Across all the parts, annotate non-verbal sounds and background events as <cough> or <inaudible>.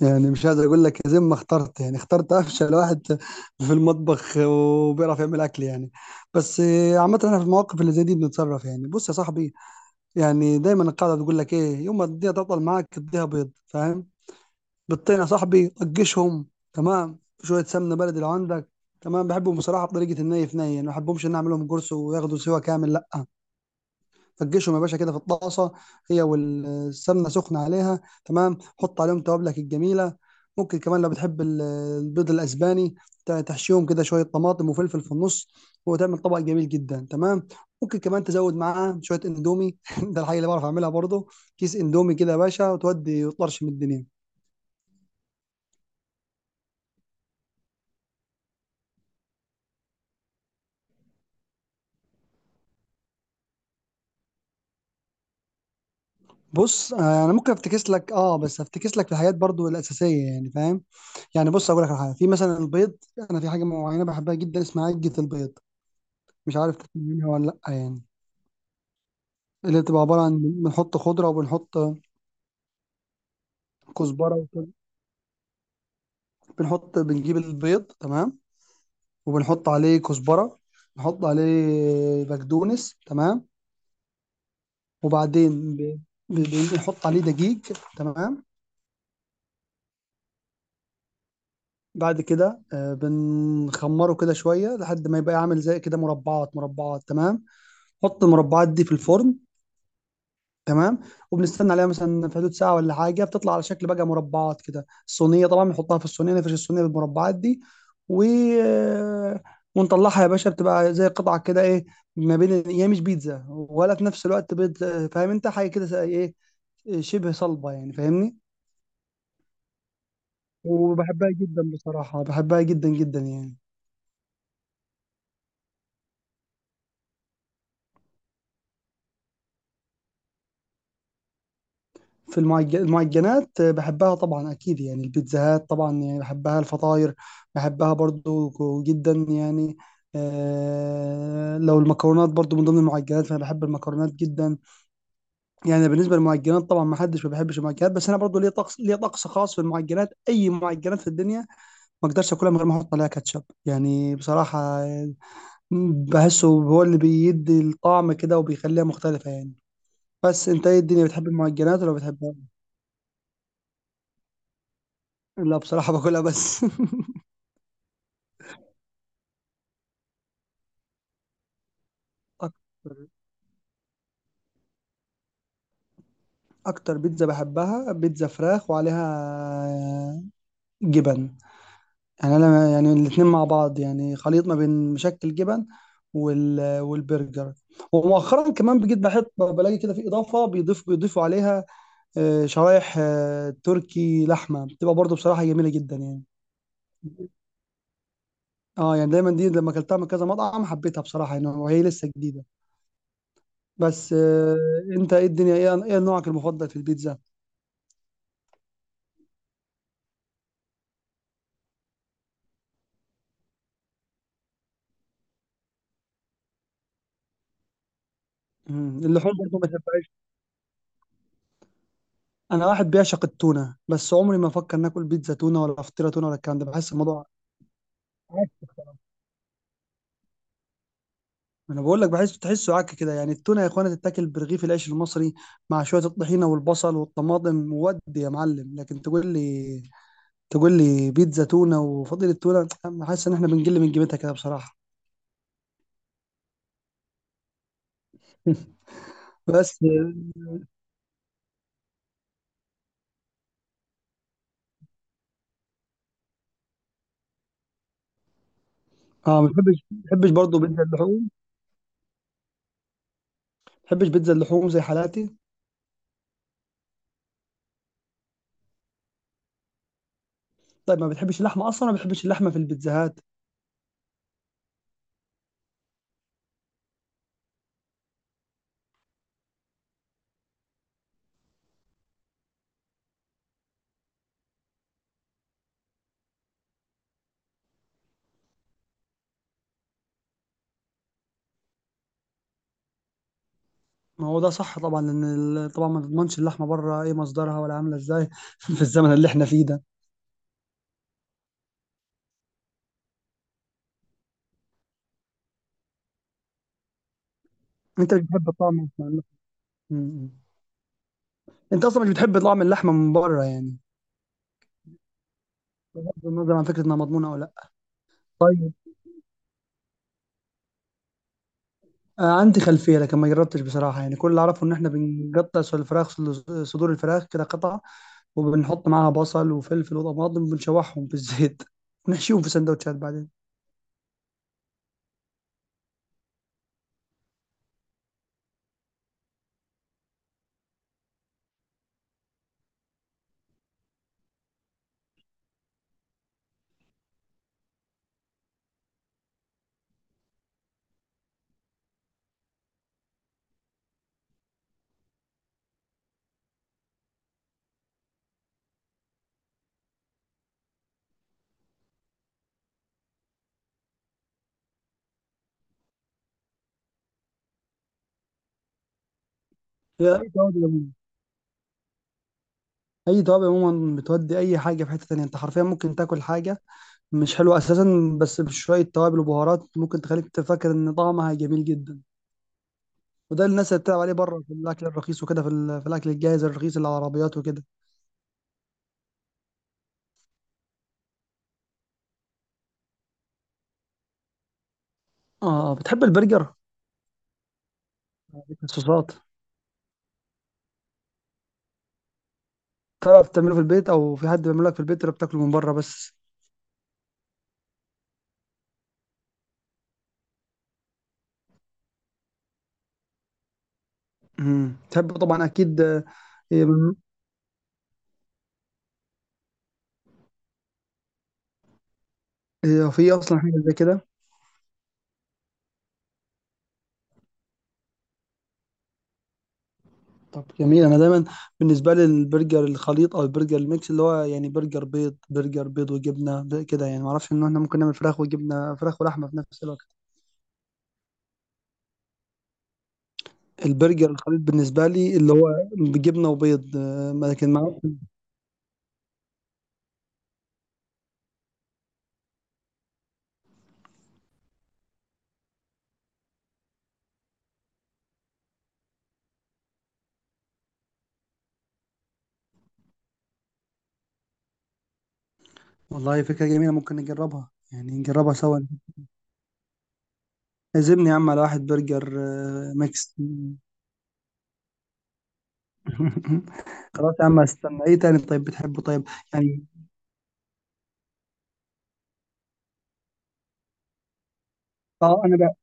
يعني مش قادر اقول لك زي ما اخترت، يعني اخترت افشل واحد في المطبخ وبيعرف يعمل اكل يعني. بس عامه احنا في المواقف اللي زي دي بنتصرف، يعني بص يا صاحبي، يعني دايما القاعده بتقول لك ايه، يوم ما الدنيا تطول معاك اديها بيض، فاهم؟ بيضتين يا صاحبي طجشهم، تمام، شويه سمنه بلدي لو عندك، تمام. بحبهم بصراحه بطريقه الني في ني، يعني ما بحبهمش ان أنا اعملهم قرص وياخدوا سوا كامل، لا. فركشهم يا باشا كده في الطاسه، هي والسمنه سخنه عليها، تمام. حط عليهم توابلك الجميله. ممكن كمان لو بتحب البيض الاسباني تحشيهم كده شويه طماطم وفلفل في النص، وتعمل طبق جميل جدا، تمام. ممكن كمان تزود معاه شويه اندومي <laughs> ده الحاجه اللي بعرف اعملها برضه. كيس اندومي كده يا باشا وتودي وطرش من الدنيا. بص انا ممكن افتكس لك، اه بس افتكس لك في الحاجات برضو الاساسيه، يعني فاهم؟ يعني بص اقول لك على حاجه في مثلا البيض. انا في حاجه معينه بحبها جدا اسمها عجه البيض. مش عارف تاكل منها ولا لأ يعني. اللي بتبقى عبارة عن بنحط خضرة وبنحط كزبرة وكده. بنحط، بنجيب البيض، تمام، وبنحط عليه كزبرة، نحط عليه بقدونس، تمام، وبعدين بنحط عليه دقيق، تمام. بعد كده بنخمره كده شوية لحد ما يبقى عامل زي كده مربعات مربعات، تمام. حط المربعات دي في الفرن، تمام، وبنستنى عليها مثلا في حدود ساعه ولا حاجه، بتطلع على شكل بقى مربعات كده. الصينيه طبعا بنحطها في الصينيه، نفرش الصينيه بالمربعات دي و ونطلعها يا باشا، بتبقى زي قطعه كده ايه، ما بين هي مش بيتزا ولا في نفس الوقت بيض. فاهم انت؟ حاجه كده زي ايه، شبه صلبه يعني، فاهمني؟ وبحبها جدا بصراحه، بحبها جدا جدا يعني. في المعجنات بحبها طبعا اكيد، يعني البيتزاهات طبعا يعني بحبها، الفطاير بحبها برضو جدا يعني. آه لو المكرونات برضو من ضمن المعجنات، فانا بحب المكرونات جدا يعني. بالنسبه للمعجنات طبعا ما حدش ما بيحبش المعجنات، بس انا برضو ليا طقس خاص في المعجنات. اي معجنات في الدنيا ما اقدرش اكلها من غير ما احط عليها كاتشب، يعني بصراحه، بحسه هو اللي بيدي الطعم كده وبيخليها مختلفه يعني. بس انت ايه الدنيا، بتحب المعجنات ولا بتحبها؟ لا بصراحة باكلها بس. <laughs> أكتر، أكتر بيتزا بحبها بيتزا فراخ وعليها جبن، يعني أنا يعني الاتنين مع بعض، يعني خليط ما بين مشكل جبن والبرجر. ومؤخرا كمان بقيت بحب بلاقي كده في إضافة، بيضيفوا عليها شرايح تركي لحمة، بتبقى برضو بصراحة جميلة جدا يعني. اه يعني دايما دي لما اكلتها من كذا مطعم حبيتها بصراحة يعني، وهي لسه جديدة. بس آه، انت ايه الدنيا، ايه نوعك المفضل في البيتزا؟ مم. اللحوم برضه ما بحبهاش. انا واحد بيعشق التونه، بس عمري ما افكر ناكل بيتزا تونه ولا فطيره تونه ولا الكلام ده. بحس الموضوع عك. ما انا بقول لك، بحس تحسه عك كده يعني. التونه يا اخوانا تتاكل برغيف العيش المصري مع شويه الطحينه والبصل والطماطم، ودي يا معلم. لكن تقول لي بيتزا تونه وفضيله تونه، أنا حاسس ان احنا بنقل من قيمتها كده بصراحه. <laughs> بس اه ما بتحبش برضه بيتزا اللحوم؟ ما بتحبش بيتزا اللحوم زي حالاتي؟ طيب ما بتحبش اللحمه اصلا، ما بتحبش اللحمه في البيتزاهات؟ ما هو ده صح طبعا، لان طبعا ما تضمنش اللحمه بره ايه مصدرها ولا عامله ازاي <laughs> في الزمن اللي احنا فيه ده. انت مش بتحب طعم اللحمة ولا لا؟ م- م. انت اصلا مش بتحب طعم اللحمه من بره يعني، بغض النظر عن فكره انها مضمونه او لا؟ طيب، آه عندي خلفيه لكن ما جربتش بصراحه، يعني كل اللي اعرفه ان احنا بنقطع صدور الفراخ، كده قطع، وبنحط معاها بصل وفلفل وطماطم وبنشوحهم في الزيت <laughs> ونحشيهم في سندوتشات بعدين. يا اي توابل عموما، بتودي اي حاجه في حته تانيه. انت حرفيا ممكن تاكل حاجه مش حلو اساسا، بس بشويه توابل وبهارات ممكن تخليك تفكر ان طعمها جميل جدا. وده اللي الناس اللي بتلعب عليه بره في الاكل الرخيص وكده، في, في الاكل الجاهز الرخيص اللي على العربيات وكده. اه بتحب البرجر، الصوصات؟ تعرف تعمله في البيت او في حد بيعمله لك في البيت، ولا بتاكله من بره بس؟ تحب طبعا اكيد، هي من- هي في اصلا حاجه زي كده؟ طب جميل، انا دايما بالنسبه لي البرجر الخليط او البرجر الميكس، اللي هو يعني برجر بيض، وجبنه كده يعني. ما اعرفش ان احنا ممكن نعمل فراخ وجبنه، فراخ ولحمه في نفس الوقت. البرجر الخليط بالنسبة لي اللي هو بجبنة وبيض لكن معاه. والله فكرة جميلة، ممكن نجربها يعني نجربها سوا. عزمني يا عم على واحد برجر ميكس. <laughs> خلاص يا عم استنى ايه تاني طيب، بتحبه؟ طيب يعني اه، انا بقى،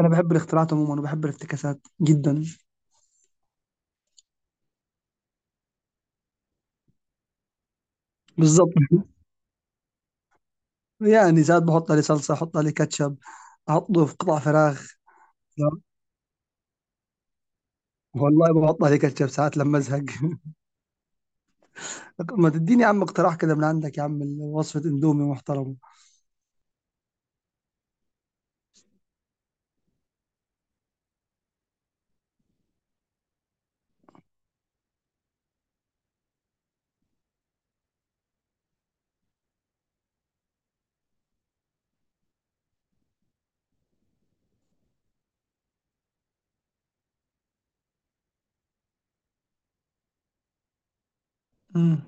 انا بحب الاختراعات عموما وبحب الافتكاسات جدا. بالظبط. <laughs> يعني ساعات بحط عليه صلصة، احط عليه كاتشب، احطه في قطع فراخ. لا، والله بحط عليه كاتشب ساعات لما ازهق. <laughs> ما تديني يا عم اقتراح كده من عندك يا عم، وصفة اندومي محترمة. مم.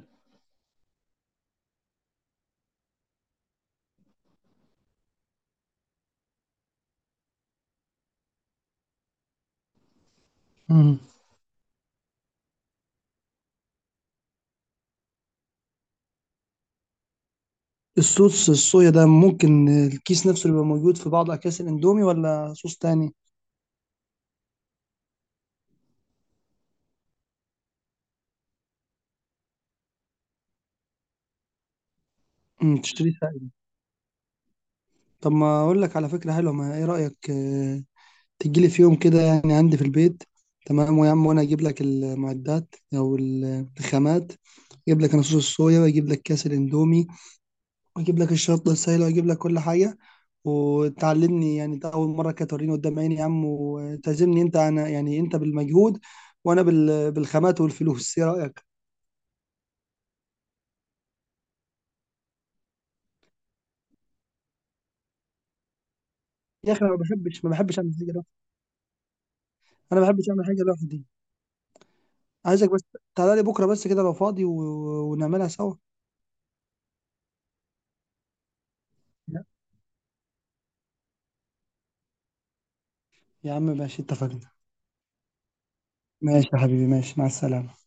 مم. الصوص الصويا ده ممكن الكيس نفسه يبقى موجود في بعض اكياس الاندومي، ولا صوص تاني؟ مم. تشتريه سائل؟ طب ما اقول لك على فكره حلوه، ما ايه رايك تجيلي في يوم كده يعني عندي في البيت، تمام، ويا عم وانا اجيب لك المعدات او الخامات. اجيب لك انا صوص الصويا، واجيب لك كاس الاندومي، واجيب لك الشطه السايله، واجيب لك كل حاجه. وتعلمني يعني، ده اول مره كانت توريني قدام عيني يا عم، وتعزمني انت انا، يعني انت بالمجهود وانا بالخامات والفلوس، ايه رايك؟ يا اخي انا ما بحبش اعمل حاجه لوحدي. انا ما بحبش اعمل حاجه لوحدي. عايزك بس تعالى لي بكره بس كده لو فاضي ونعملها سوا. لا. يا عم ماشي، اتفقنا. ماشي يا حبيبي، ماشي، مع السلامه.